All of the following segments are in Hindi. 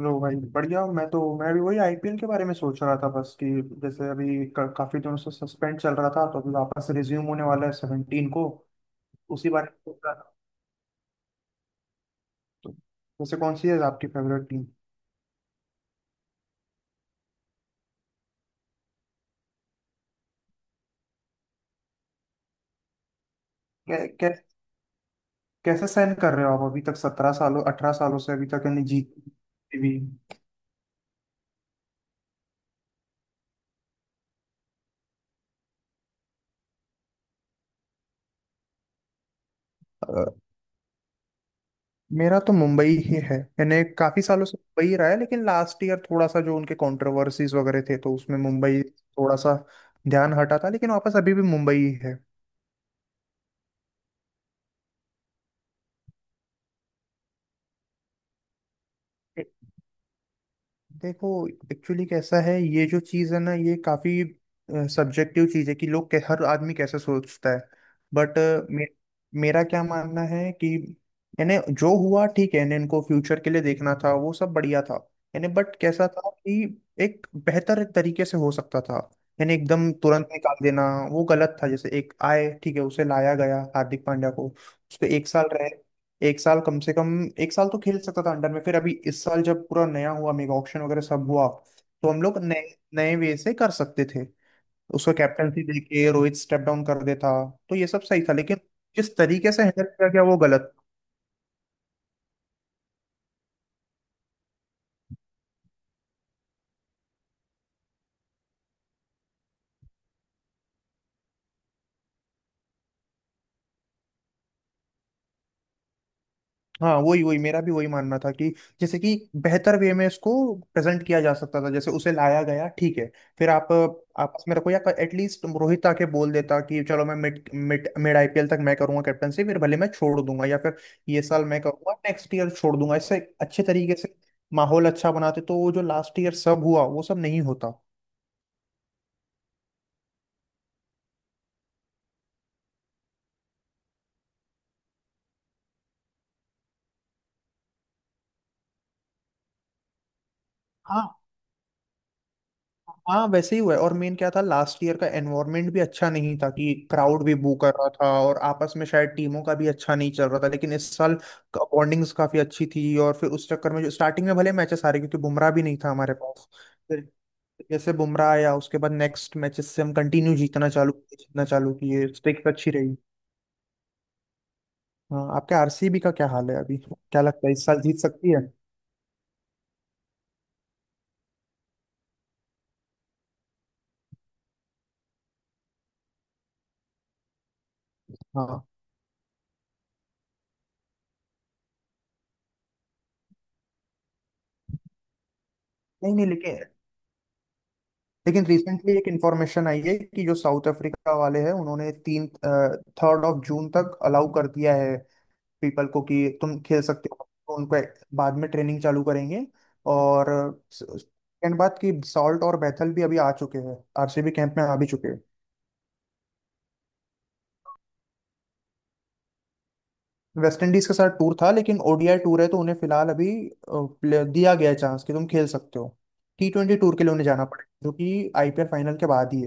लो भाई बढ़िया। मैं भी वही आईपीएल के बारे में सोच रहा था बस कि जैसे काफी दिनों से सस्पेंड चल रहा था तो अभी वापस रिज्यूम होने वाला है 17 को। उसी बारे में सोच रहा था। तो वैसे कौन सी है आपकी फेवरेट टीम? कै, कै, कैसे सहन कर रहे हो आप अभी तक 17 सालों 18 सालों से अभी तक यानी जीत भी? अ, मेरा तो मुंबई ही है, यानी काफी सालों से मुंबई ही रहा है, लेकिन लास्ट ईयर थोड़ा सा जो उनके कंट्रोवर्सीज वगैरह थे तो उसमें मुंबई थोड़ा सा ध्यान हटा था, लेकिन वापस अभी भी मुंबई ही है। देखो एक्चुअली कैसा है, ये जो चीज़ है ना, ये काफ़ी सब्जेक्टिव चीज़ है कि लोग हर आदमी कैसे सोचता है। बट मे, मेरा क्या मानना है कि यानी जो हुआ ठीक है, यानी इनको फ्यूचर के लिए देखना था, वो सब बढ़िया था, यानी बट कैसा था कि एक बेहतर तरीके से हो सकता था। यानी एकदम तुरंत निकाल देना वो गलत था। जैसे एक आए ठीक है, उसे लाया गया हार्दिक पांड्या को, उस पर एक साल रह एक साल कम से कम एक साल तो खेल सकता था अंडर में। फिर अभी इस साल जब पूरा नया हुआ मेगा ऑक्शन वगैरह सब हुआ, तो हम लोग नए नए वे से कर सकते थे। उसको कैप्टनसी देके रोहित स्टेप डाउन कर देता, तो ये सब सही था, लेकिन जिस तरीके से हैंडल किया गया वो गलत। हाँ, वही वही मेरा भी वही मानना था कि जैसे कि बेहतर वे में इसको प्रेजेंट किया जा सकता था। जैसे उसे लाया गया ठीक है, फिर आप आपस में रखो, या एटलीस्ट रोहित आके बोल देता कि चलो मैं मिड मिड मिड आईपीएल तक मैं करूंगा कैप्टनसी, फिर भले मैं छोड़ दूंगा, या फिर ये साल मैं करूंगा नेक्स्ट ईयर छोड़ दूंगा। इससे अच्छे तरीके से माहौल अच्छा बनाते, तो वो जो लास्ट ईयर सब हुआ वो सब नहीं होता। हाँ, हाँ, वैसे ही हुआ है। और मेन क्या था, लास्ट ईयर का एनवायरनमेंट भी अच्छा नहीं था कि क्राउड भी बू कर रहा था और आपस में शायद टीमों का भी अच्छा नहीं चल रहा था। लेकिन इस साल बॉन्डिंग्स काफी अच्छी थी। और फिर उस चक्कर में जो स्टार्टिंग में भले मैचेस आ रहे क्योंकि बुमराह भी नहीं था हमारे पास, फिर जैसे बुमराह आया उसके बाद नेक्स्ट मैचेस से हम कंटिन्यू जीतना चालू किए, स्ट्रिक्स अच्छी रही। हाँ, आपके आरसीबी का क्या हाल है, अभी क्या लगता है इस साल जीत सकती है? हाँ। नहीं, नहीं, लेकिन लेकिन रिसेंटली एक इंफॉर्मेशन आई है कि जो साउथ अफ्रीका वाले हैं उन्होंने तीन थर्ड ऑफ जून तक अलाउ कर दिया है पीपल को कि तुम खेल सकते हो। तो उनको बाद में ट्रेनिंग चालू करेंगे। और सेकंड बात कि सॉल्ट और बैथल भी अभी आ चुके हैं, आरसीबी कैंप में आ भी चुके हैं। वेस्ट इंडीज के साथ टूर था, लेकिन ओडीआई टूर है तो उन्हें फिलहाल अभी दिया गया है चांस कि तुम खेल सकते हो। टी ट्वेंटी टूर के लिए उन्हें जाना पड़ेगा जो कि आईपीएल फाइनल के बाद ही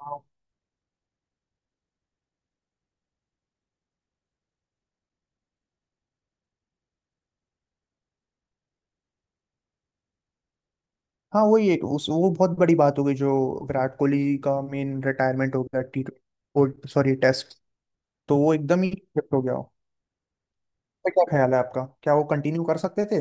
है। हाँ, वही एक उस वो बहुत बड़ी बात हो गई, जो विराट कोहली का मेन रिटायरमेंट हो गया टी ट्वेंटी सॉरी टेस्ट। तो वो एकदम ही shift हो गया हो। क्या ख्याल है आपका, क्या वो कंटिन्यू कर सकते थे?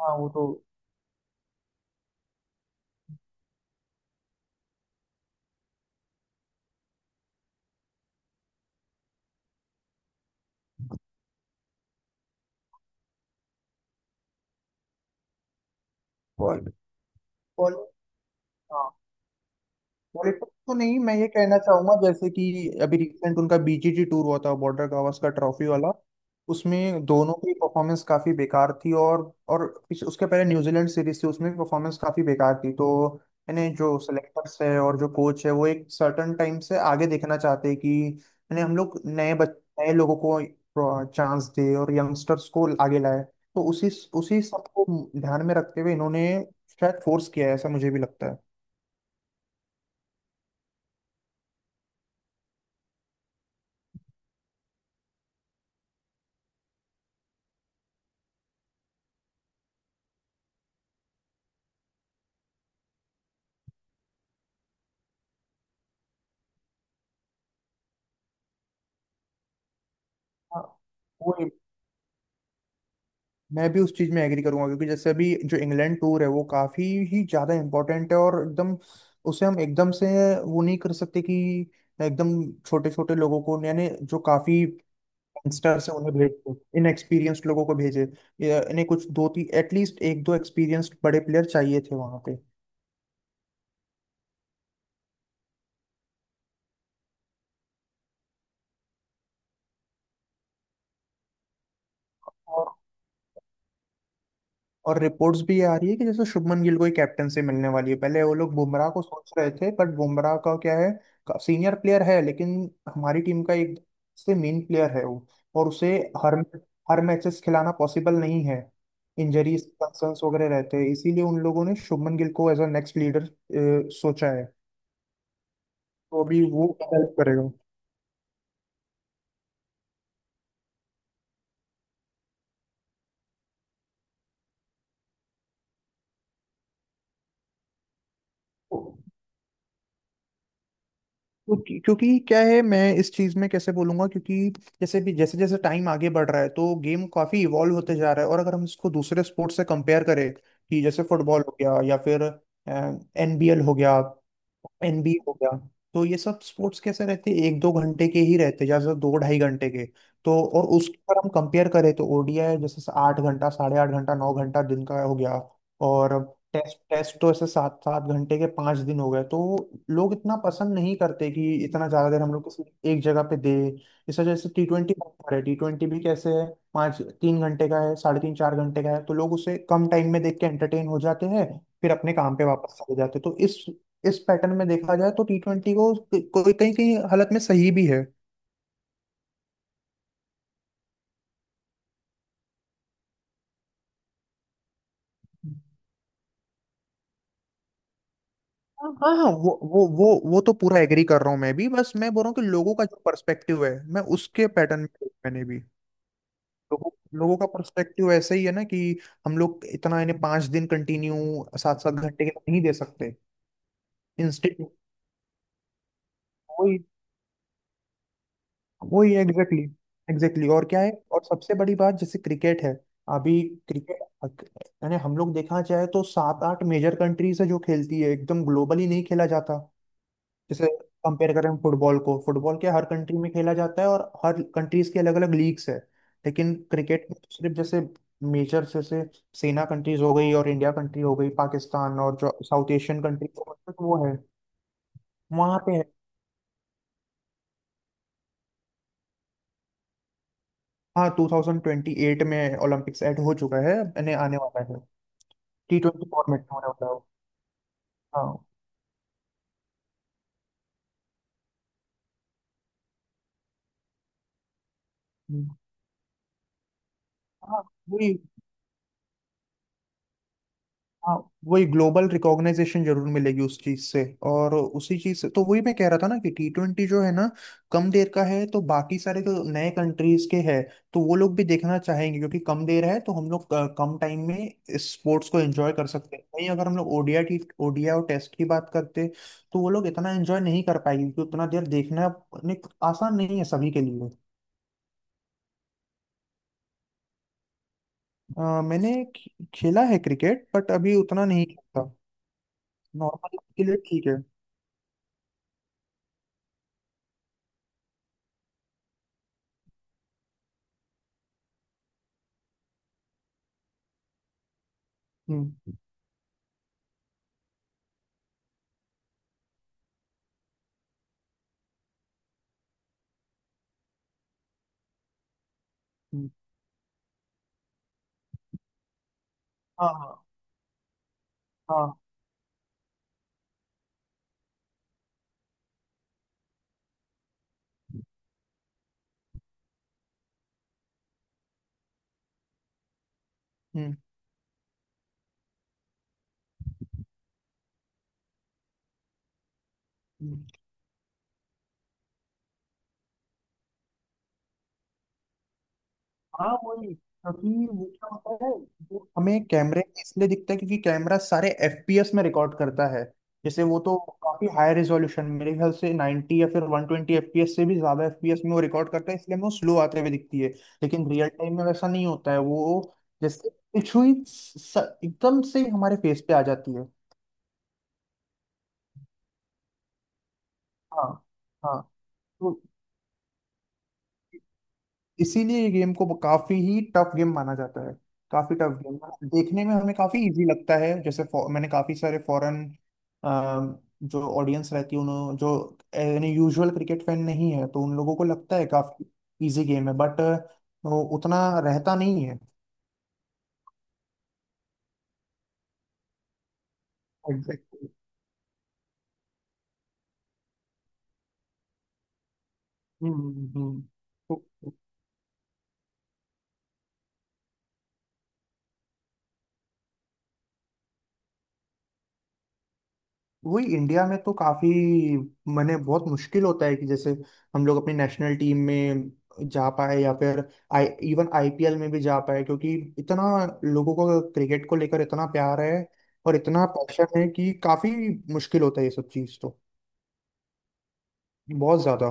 हाँ वो तो। बॉल- बॉल- हाँ, लॉलीपॉप तो नहीं, मैं ये कहना चाहूंगा जैसे कि अभी रिसेंट उनका बीजीटी टूर हुआ था, बॉर्डर गावस्कर का ट्रॉफी वाला, उसमें दोनों की परफॉर्मेंस काफी बेकार थी। और उसके पहले न्यूजीलैंड सीरीज थी उसमें भी परफॉर्मेंस काफी बेकार थी। तो यानी जो सेलेक्टर्स है और जो कोच है वो एक सर्टन टाइम से आगे देखना चाहते हैं कि यानी हम लोग नए लोगों को चांस दे और यंगस्टर्स को आगे लाए। तो उसी उसी सबको ध्यान में रखते हुए इन्होंने शायद फोर्स किया है, ऐसा मुझे भी लगता है। हाँ, वो मैं भी उस चीज़ में एग्री करूंगा क्योंकि जैसे अभी जो इंग्लैंड टूर है वो काफ़ी ही ज़्यादा इम्पोर्टेंट है। और एकदम उसे हम एकदम से वो नहीं कर सकते कि एकदम छोटे छोटे लोगों को यानी जो काफ़ी यंगस्टर्स हैं उन्हें भेज इनएक्सपीरियंस्ड लोगों को भेजे। या इन्हें कुछ दो तीन एटलीस्ट एक दो एक्सपीरियंस्ड बड़े प्लेयर चाहिए थे वहाँ पे। और रिपोर्ट्स भी ये आ रही है कि जैसे शुभमन गिल को ही कैप्टनसी मिलने वाली है। पहले वो लोग बुमराह को सोच रहे थे, बट बुमराह का क्या है, सीनियर प्लेयर है लेकिन हमारी टीम का एक से मेन प्लेयर है वो। और उसे हर हर मैचेस खिलाना पॉसिबल नहीं है, इंजरीज कंसर्न्स वगैरह रहते हैं, इसीलिए उन लोगों ने शुभमन गिल को एज अ नेक्स्ट लीडर सोचा है। तो अभी वो हेल्प करेगा। क्योंकि क्योंकि क्या है, मैं इस चीज में कैसे बोलूंगा क्योंकि जैसे जैसे टाइम आगे बढ़ रहा है तो गेम काफी इवॉल्व होते जा रहा है। और अगर हम इसको दूसरे स्पोर्ट्स से कंपेयर करें कि जैसे फुटबॉल हो गया, या फिर एनबीएल हो गया, एनबी हो गया, तो ये सब स्पोर्ट्स कैसे रहते हैं, एक दो घंटे के ही रहते हैं, ज्यादा से ज्यादा दो ढाई घंटे के। तो और उसके अगर हम कंपेयर करें तो ओडीआई जैसे 8 घंटा साढ़े आठ घंटा 9 घंटा दिन का हो गया। और टेस्ट टेस्ट तो ऐसे सात सात घंटे के 5 दिन हो गए। तो लोग इतना पसंद नहीं करते कि इतना ज्यादा देर हम लोग किसी एक जगह पे दे। इस वजह से टी ट्वेंटी है। टी ट्वेंटी भी कैसे है, पाँच तीन घंटे का है, साढ़े तीन चार घंटे का है, तो लोग उसे कम टाइम में देख के एंटरटेन हो जाते हैं फिर अपने काम पे वापस चले जाते हैं। तो इस पैटर्न में देखा जाए तो टी ट्वेंटी को कोई कहीं कहीं हालत में सही भी है। हाँ, हाँ, हाँ, वो तो पूरा एग्री कर रहा हूँ मैं भी, बस मैं बोल रहा हूँ कि लोगों का जो पर्सपेक्टिव है मैं उसके पैटर्न में मैंने भी लोगों लोगों का पर्सपेक्टिव ऐसा ही है ना कि हम लोग इतना इन्हें पांच दिन कंटिन्यू सात सात घंटे के नहीं दे सकते। इंस्टेंट वही वही एग्जैक्टली, एग्जैक्टली और क्या है। और सबसे बड़ी बात जैसे क्रिकेट है अभी, क्रिकेट यानी हम लोग देखा जाए तो सात आठ मेजर कंट्रीज है जो खेलती है, एकदम ग्लोबली नहीं खेला जाता। जैसे कंपेयर करें फुटबॉल को, फुटबॉल के हर कंट्री में खेला जाता है और हर कंट्रीज के अलग अलग लीग्स है। लेकिन क्रिकेट में तो सिर्फ जैसे मेजर जैसे सेना कंट्रीज हो गई और इंडिया कंट्री हो गई पाकिस्तान और जो साउथ एशियन कंट्री तो मतलब वो है वहाँ पे है। हाँ, 2028 में ओलंपिक्स ऐड हो चुका है, यानी आने वाला है। टी ट्वेंटी फॉर्मेट में होने वाला है वो। हाँ। हम्म। हाँ, वही हाँ वही ग्लोबल रिकॉग्नाइजेशन जरूर मिलेगी उस चीज से। और उसी चीज से तो वही मैं कह रहा था ना कि टी ट्वेंटी जो है ना कम देर का है, तो बाकी सारे जो नए कंट्रीज के हैं तो वो लोग भी देखना चाहेंगे क्योंकि कम देर है तो हम लोग कम टाइम में इस स्पोर्ट्स को एंजॉय कर सकते हैं। वहीं अगर हम लोग ओडिया और टेस्ट की बात करते तो वो लोग इतना एंजॉय नहीं कर पाएंगे क्योंकि उतना देर देखना आसान नहीं है सभी के लिए। मैंने खेला है क्रिकेट बट अभी उतना नहीं खेलता। नॉर्मल के लिए ठीक है। हम्म। हाँ, हाँ। हम्म, हम्म। हाँ वही क्योंकि वो क्या होता है, वो हमें कैमरे में इसलिए दिखता है क्योंकि कैमरा सारे एफपीएस में रिकॉर्ड करता है। जैसे वो तो काफी हाई रेजोल्यूशन, मेरे ख्याल से 90 या फिर 120 एफपीएस से भी ज्यादा एफपीएस में वो रिकॉर्ड करता है, इसलिए हमें वो स्लो आते हुए दिखती है। लेकिन रियल टाइम में वैसा नहीं होता है वो। जैसे पिछुई स- एकदम से ही हमारे फेस पे आ जाती है। हाँ, हाँ। तो इसीलिए ये गेम को काफी ही टफ गेम माना जाता है। काफी टफ गेम। देखने में हमें काफी इजी लगता है जैसे मैंने काफी सारे फॉरेन जो ऑडियंस रहती है उन्होंने जो यानी यूजुअल क्रिकेट फैन नहीं है तो उन लोगों को लगता है काफी इजी गेम है बट वो उतना रहता नहीं है। एग्जैक्टली। हम्म, हम्म, हम्म। वही इंडिया में तो काफी मैंने बहुत मुश्किल होता है कि जैसे हम लोग अपनी नेशनल टीम में जा पाए या फिर आई इवन आईपीएल में भी जा पाए क्योंकि इतना लोगों को क्रिकेट को लेकर इतना प्यार है और इतना पैशन है कि काफी मुश्किल होता है ये सब चीज। तो बहुत ज्यादा।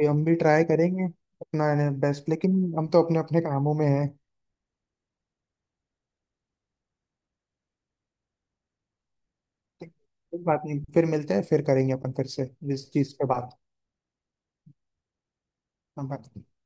ये हम भी ट्राई करेंगे अपना बेस्ट लेकिन हम तो अपने अपने कामों में हैं। कोई बात नहीं, फिर मिलते हैं, फिर करेंगे अपन फिर से इस चीज पे बात।